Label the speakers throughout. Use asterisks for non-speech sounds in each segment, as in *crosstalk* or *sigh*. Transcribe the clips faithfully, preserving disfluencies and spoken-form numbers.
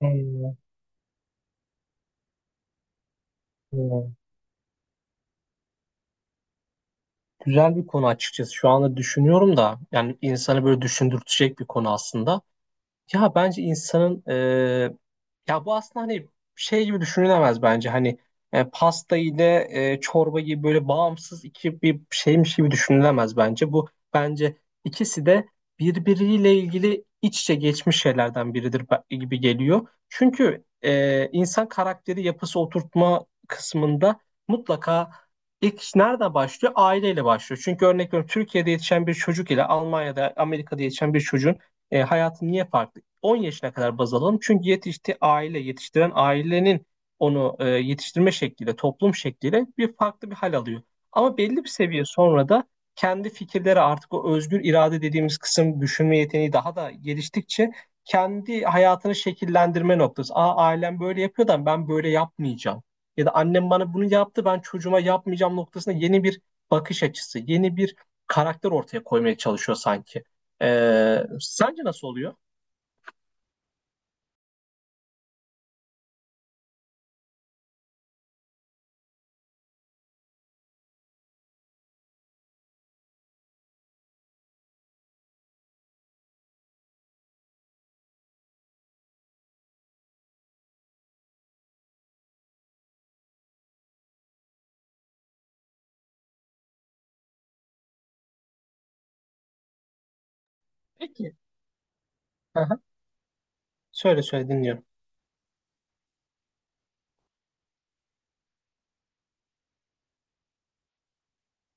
Speaker 1: Hmm, hmm. Güzel bir konu açıkçası. Şu anda düşünüyorum da yani insanı böyle düşündürtecek bir konu aslında. Ya bence insanın Ya bu aslında hani şey gibi düşünülemez bence hani e, pasta ile e, çorba gibi böyle bağımsız iki bir şeymiş gibi düşünülemez bence. Bu bence ikisi de birbiriyle ilgili iç içe geçmiş şeylerden biridir be- gibi geliyor. Çünkü e, insan karakteri yapısı oturtma kısmında mutlaka ilk iş nerede başlıyor? Aileyle başlıyor. Çünkü örnek veriyorum Türkiye'de yetişen bir çocuk ile Almanya'da, Amerika'da yetişen bir çocuğun e, hayatı niye farklı? on yaşına kadar baz alalım. Çünkü yetişti aile, yetiştiren ailenin onu e, yetiştirme şekliyle, toplum şekliyle bir farklı bir hal alıyor. Ama belli bir seviye sonra da kendi fikirleri artık o özgür irade dediğimiz kısım düşünme yeteneği daha da geliştikçe kendi hayatını şekillendirme noktası. Aa ailem böyle yapıyor da ben böyle yapmayacağım. Ya da annem bana bunu yaptı ben çocuğuma yapmayacağım noktasında yeni bir bakış açısı, yeni bir karakter ortaya koymaya çalışıyor sanki. Ee, sence nasıl oluyor? Peki. Aha. Söyle söyle dinliyorum.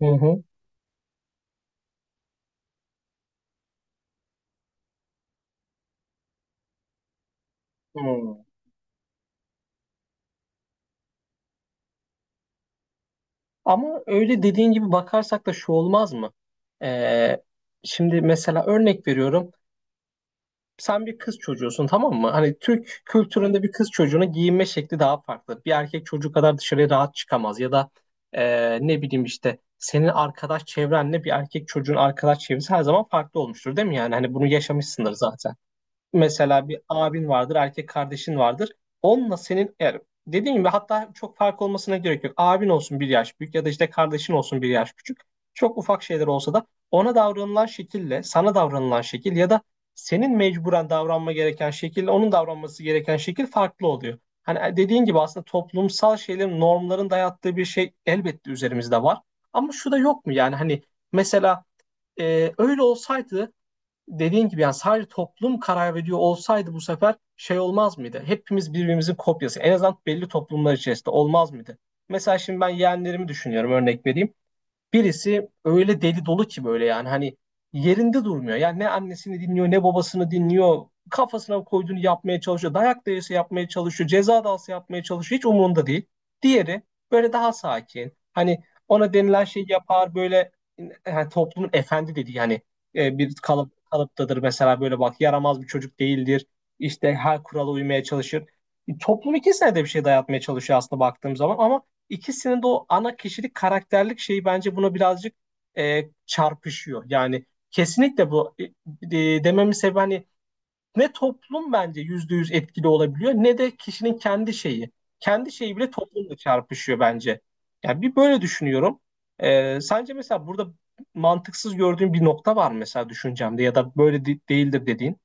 Speaker 1: Hı hı. Hmm. Ama öyle dediğin gibi bakarsak da şu olmaz mı? Ee, şimdi mesela örnek veriyorum. Sen bir kız çocuğusun, tamam mı? Hani Türk kültüründe bir kız çocuğuna giyinme şekli daha farklı. Bir erkek çocuğu kadar dışarıya rahat çıkamaz. Ya da e, ne bileyim işte senin arkadaş çevrenle bir erkek çocuğun arkadaş çevresi her zaman farklı olmuştur, değil mi? Yani hani bunu yaşamışsındır zaten. Mesela bir abin vardır, erkek kardeşin vardır. Onunla senin eğer dediğim gibi hatta çok fark olmasına gerek yok. Abin olsun bir yaş büyük ya da işte kardeşin olsun bir yaş küçük. Çok ufak şeyler olsa da ona davranılan şekille, sana davranılan şekil ya da senin mecburen davranma gereken şekille onun davranması gereken şekil farklı oluyor. Hani dediğin gibi aslında toplumsal şeylerin, normların dayattığı bir şey elbette üzerimizde var. Ama şu da yok mu yani hani mesela e, öyle olsaydı dediğin gibi yani sadece toplum karar veriyor olsaydı bu sefer şey olmaz mıydı? Hepimiz birbirimizin kopyası. En azından belli toplumlar içerisinde olmaz mıydı? Mesela şimdi ben yeğenlerimi düşünüyorum, örnek vereyim. Birisi öyle deli dolu ki böyle yani hani yerinde durmuyor. Yani ne annesini dinliyor ne babasını dinliyor. Kafasına koyduğunu yapmaya çalışıyor. Dayak da yese yapmaya çalışıyor. Ceza da alsa yapmaya çalışıyor. Hiç umurunda değil. Diğeri böyle daha sakin. Hani ona denilen şeyi yapar böyle, yani toplumun efendi dediği yani e, bir kalıp, kalıptadır mesela, böyle bak yaramaz bir çocuk değildir. İşte her kurala uymaya çalışır. E, Toplum ikisine de bir şey dayatmaya çalışıyor aslında baktığım zaman, ama İkisinin de o ana kişilik karakterlik şeyi bence buna birazcık e, çarpışıyor. Yani kesinlikle bu e, e, dememin sebebi hani ne toplum bence yüzde yüz etkili olabiliyor ne de kişinin kendi şeyi. Kendi şeyi bile toplumla çarpışıyor bence. Yani bir böyle düşünüyorum. Ee, sence mesela burada mantıksız gördüğün bir nokta var mı mesela düşüncemde ya da böyle de- değildir dediğin?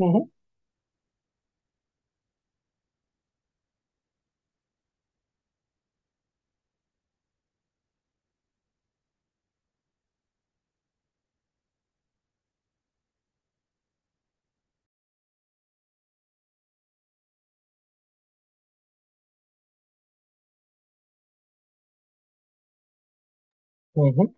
Speaker 1: Hı hı. Hı hı.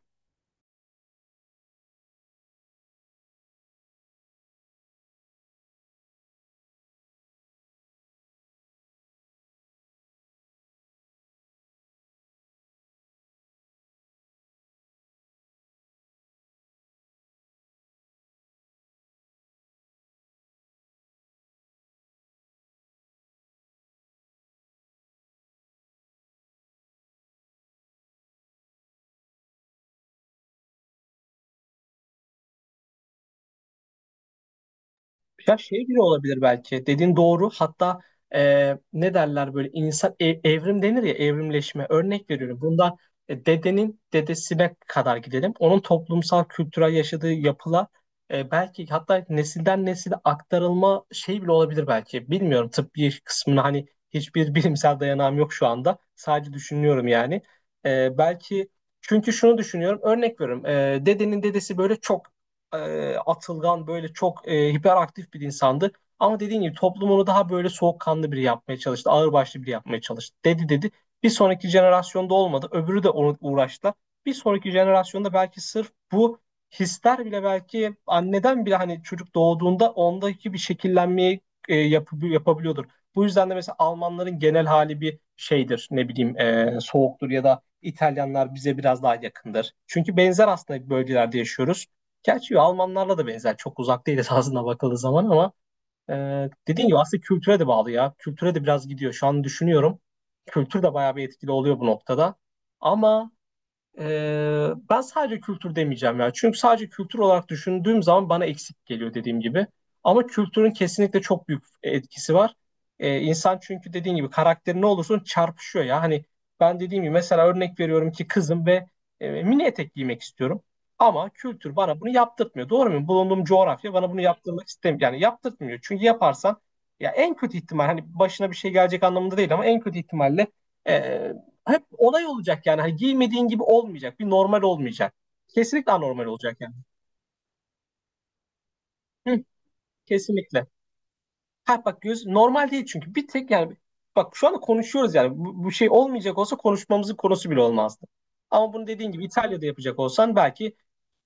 Speaker 1: Ya şey bile olabilir belki. Dediğin doğru. Hatta e, ne derler böyle insan e- evrim denir ya, evrimleşme. Örnek veriyorum. Bunda e, dedenin dedesine kadar gidelim. Onun toplumsal kültürel yaşadığı yapıla e, belki hatta nesilden nesile aktarılma şey bile olabilir belki. Bilmiyorum tıbbi kısmına hani hiçbir *laughs* bilimsel dayanağım yok şu anda. Sadece düşünüyorum yani. E, belki çünkü şunu düşünüyorum. Örnek veriyorum. E, dedenin dedesi böyle çok e, atılgan, böyle çok e, hiperaktif bir insandı. Ama dediğim gibi toplum onu daha böyle soğukkanlı biri yapmaya çalıştı. Ağırbaşlı biri yapmaya çalıştı. Dedi dedi. Bir sonraki jenerasyonda olmadı. Öbürü de onu uğraştılar. Bir sonraki jenerasyonda belki sırf bu hisler bile belki anneden bile hani çocuk doğduğunda ondaki bir şekillenmeyi e, yapı- yapabiliyordur. Bu yüzden de mesela Almanların genel hali bir şeydir, ne bileyim e, soğuktur ya da İtalyanlar bize biraz daha yakındır. Çünkü benzer aslında bölgelerde yaşıyoruz. Gerçi Almanlarla da benzer. Çok uzak değil esasında bakıldığı zaman, ama e, dediğin gibi aslında kültüre de bağlı ya. Kültüre de biraz gidiyor. Şu an düşünüyorum. Kültür de bayağı bir etkili oluyor bu noktada. Ama ee, ben sadece kültür demeyeceğim ya. Çünkü sadece kültür olarak düşündüğüm zaman bana eksik geliyor, dediğim gibi. Ama kültürün kesinlikle çok büyük etkisi var. Ee, insan çünkü dediğim gibi karakteri ne olursun çarpışıyor ya. Hani ben dediğim gibi mesela örnek veriyorum ki, kızım ve e, mini etek giymek istiyorum. Ama kültür bana bunu yaptırtmıyor. Doğru mu? Bulunduğum coğrafya bana bunu yaptırmak istemiyor. Yani yaptırtmıyor. Çünkü yaparsan ya, en kötü ihtimal hani başına bir şey gelecek anlamında değil, ama en kötü ihtimalle e, hep onay olacak yani. Hani giymediğin gibi olmayacak. Bir normal olmayacak. Kesinlikle anormal olacak yani. Hı, kesinlikle. Ha bak, göz normal değil çünkü. Bir tek yani, bak şu anda konuşuyoruz yani. Bu, bu şey olmayacak olsa konuşmamızın konusu bile olmazdı. Ama bunu dediğin gibi İtalya'da yapacak olsan belki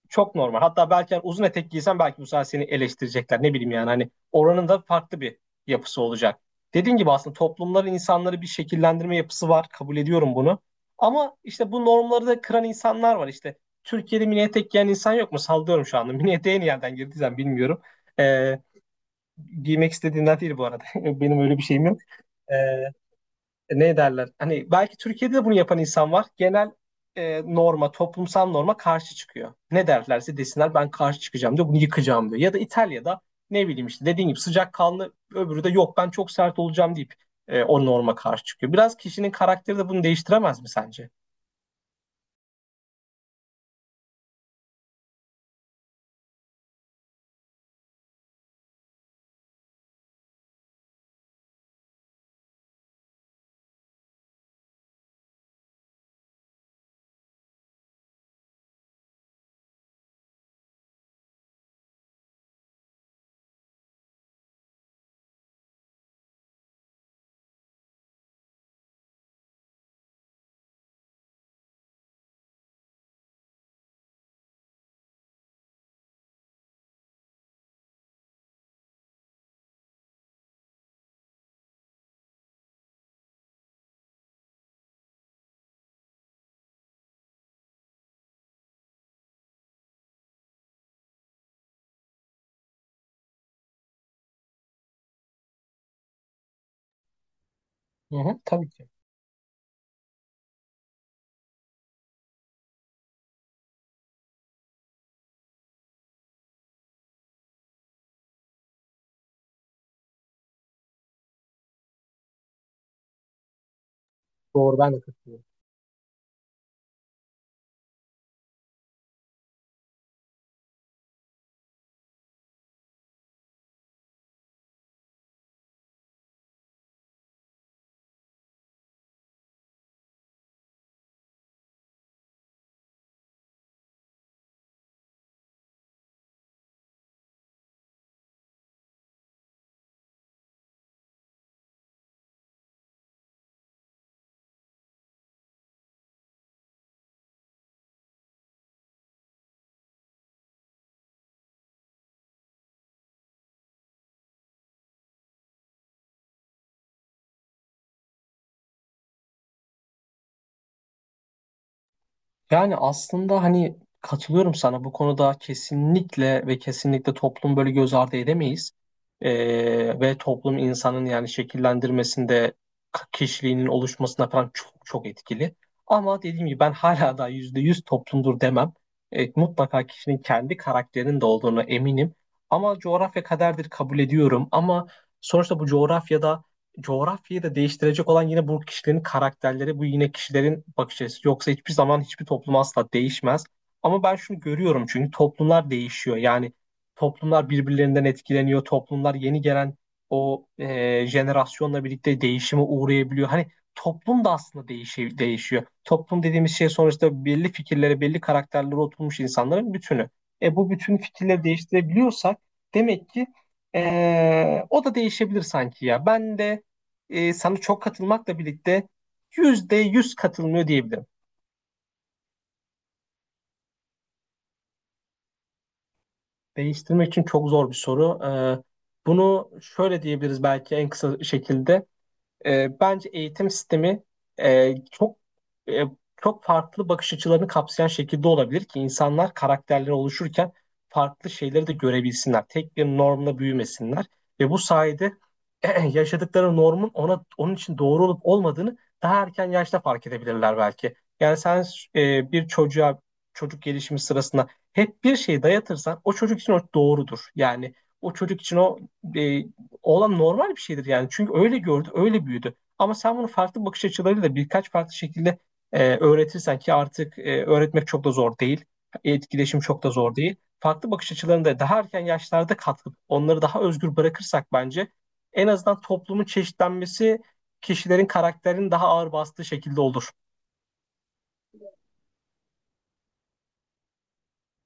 Speaker 1: çok normal. Hatta belki hani uzun etek giysen belki bu sefer seni eleştirecekler. Ne bileyim yani hani oranın da farklı bir yapısı olacak. Dediğim gibi aslında toplumların insanları bir şekillendirme yapısı var. Kabul ediyorum bunu. Ama işte bu normları da kıran insanlar var. İşte Türkiye'de mini etek giyen insan yok mu? Sallıyorum şu anda. *laughs* Mini eteğe niye girdiysen bilmiyorum. Ee, giymek istediğinden değil bu arada. *laughs* Benim öyle bir şeyim yok. Ee, ne derler? Hani belki Türkiye'de de bunu yapan insan var. Genel e, norma, toplumsal norma karşı çıkıyor. Ne derlerse desinler, ben karşı çıkacağım diyor, bunu yıkacağım diyor. Ya da İtalya'da ne bileyim işte dediğim gibi sıcakkanlı, öbürü de yok ben çok sert olacağım deyip e, o norma karşı çıkıyor. Biraz kişinin karakteri de bunu değiştiremez mi sence? Hı hı, tabii ki. Doğru, ben de katılıyorum. Yani aslında hani katılıyorum sana bu konuda, kesinlikle ve kesinlikle toplum böyle göz ardı edemeyiz. Ee, ve toplum insanın yani şekillendirmesinde k- kişiliğinin oluşmasına falan çok çok etkili. Ama dediğim gibi ben hala da yüzde yüz toplumdur demem. Ee, mutlaka kişinin kendi karakterinin de olduğunu eminim. Ama coğrafya kaderdir, kabul ediyorum. Ama sonuçta bu coğrafyada coğrafyayı da değiştirecek olan yine bu kişilerin karakterleri, bu yine kişilerin bakış açısı. Yoksa hiçbir zaman hiçbir toplum asla değişmez. Ama ben şunu görüyorum, çünkü toplumlar değişiyor. Yani toplumlar birbirlerinden etkileniyor. Toplumlar yeni gelen o e, jenerasyonla birlikte değişime uğrayabiliyor. Hani toplum da aslında değişi- değişiyor. Toplum dediğimiz şey sonuçta belli fikirlere, belli karakterlere oturmuş insanların bütünü. E bu bütün fikirleri değiştirebiliyorsak demek ki e, o da değişebilir sanki ya. Ben de e, sana çok katılmakla birlikte yüzde yüz katılmıyor diyebilirim. Değiştirmek için çok zor bir soru. Ee, bunu şöyle diyebiliriz belki en kısa şekilde. E, bence eğitim sistemi e, çok e, çok farklı bakış açılarını kapsayan şekilde olabilir ki insanlar karakterleri oluşurken farklı şeyleri de görebilsinler. Tek bir normla büyümesinler ve bu sayede *clears throat* yaşadıkları normun ona onun için doğru olup olmadığını daha erken yaşta fark edebilirler belki. Yani sen e, bir çocuğa çocuk gelişimi sırasında hep bir şey dayatırsan o çocuk için o doğrudur. Yani o çocuk için o e, olan normal bir şeydir yani. Çünkü öyle gördü, öyle büyüdü. Ama sen bunu farklı bakış açılarıyla birkaç farklı şekilde e, öğretirsen ki artık e, öğretmek çok da zor değil. Etkileşim çok da zor değil. Farklı bakış açılarında daha erken yaşlarda katkı, onları daha özgür bırakırsak bence en azından toplumun çeşitlenmesi kişilerin karakterinin daha ağır bastığı şekilde olur.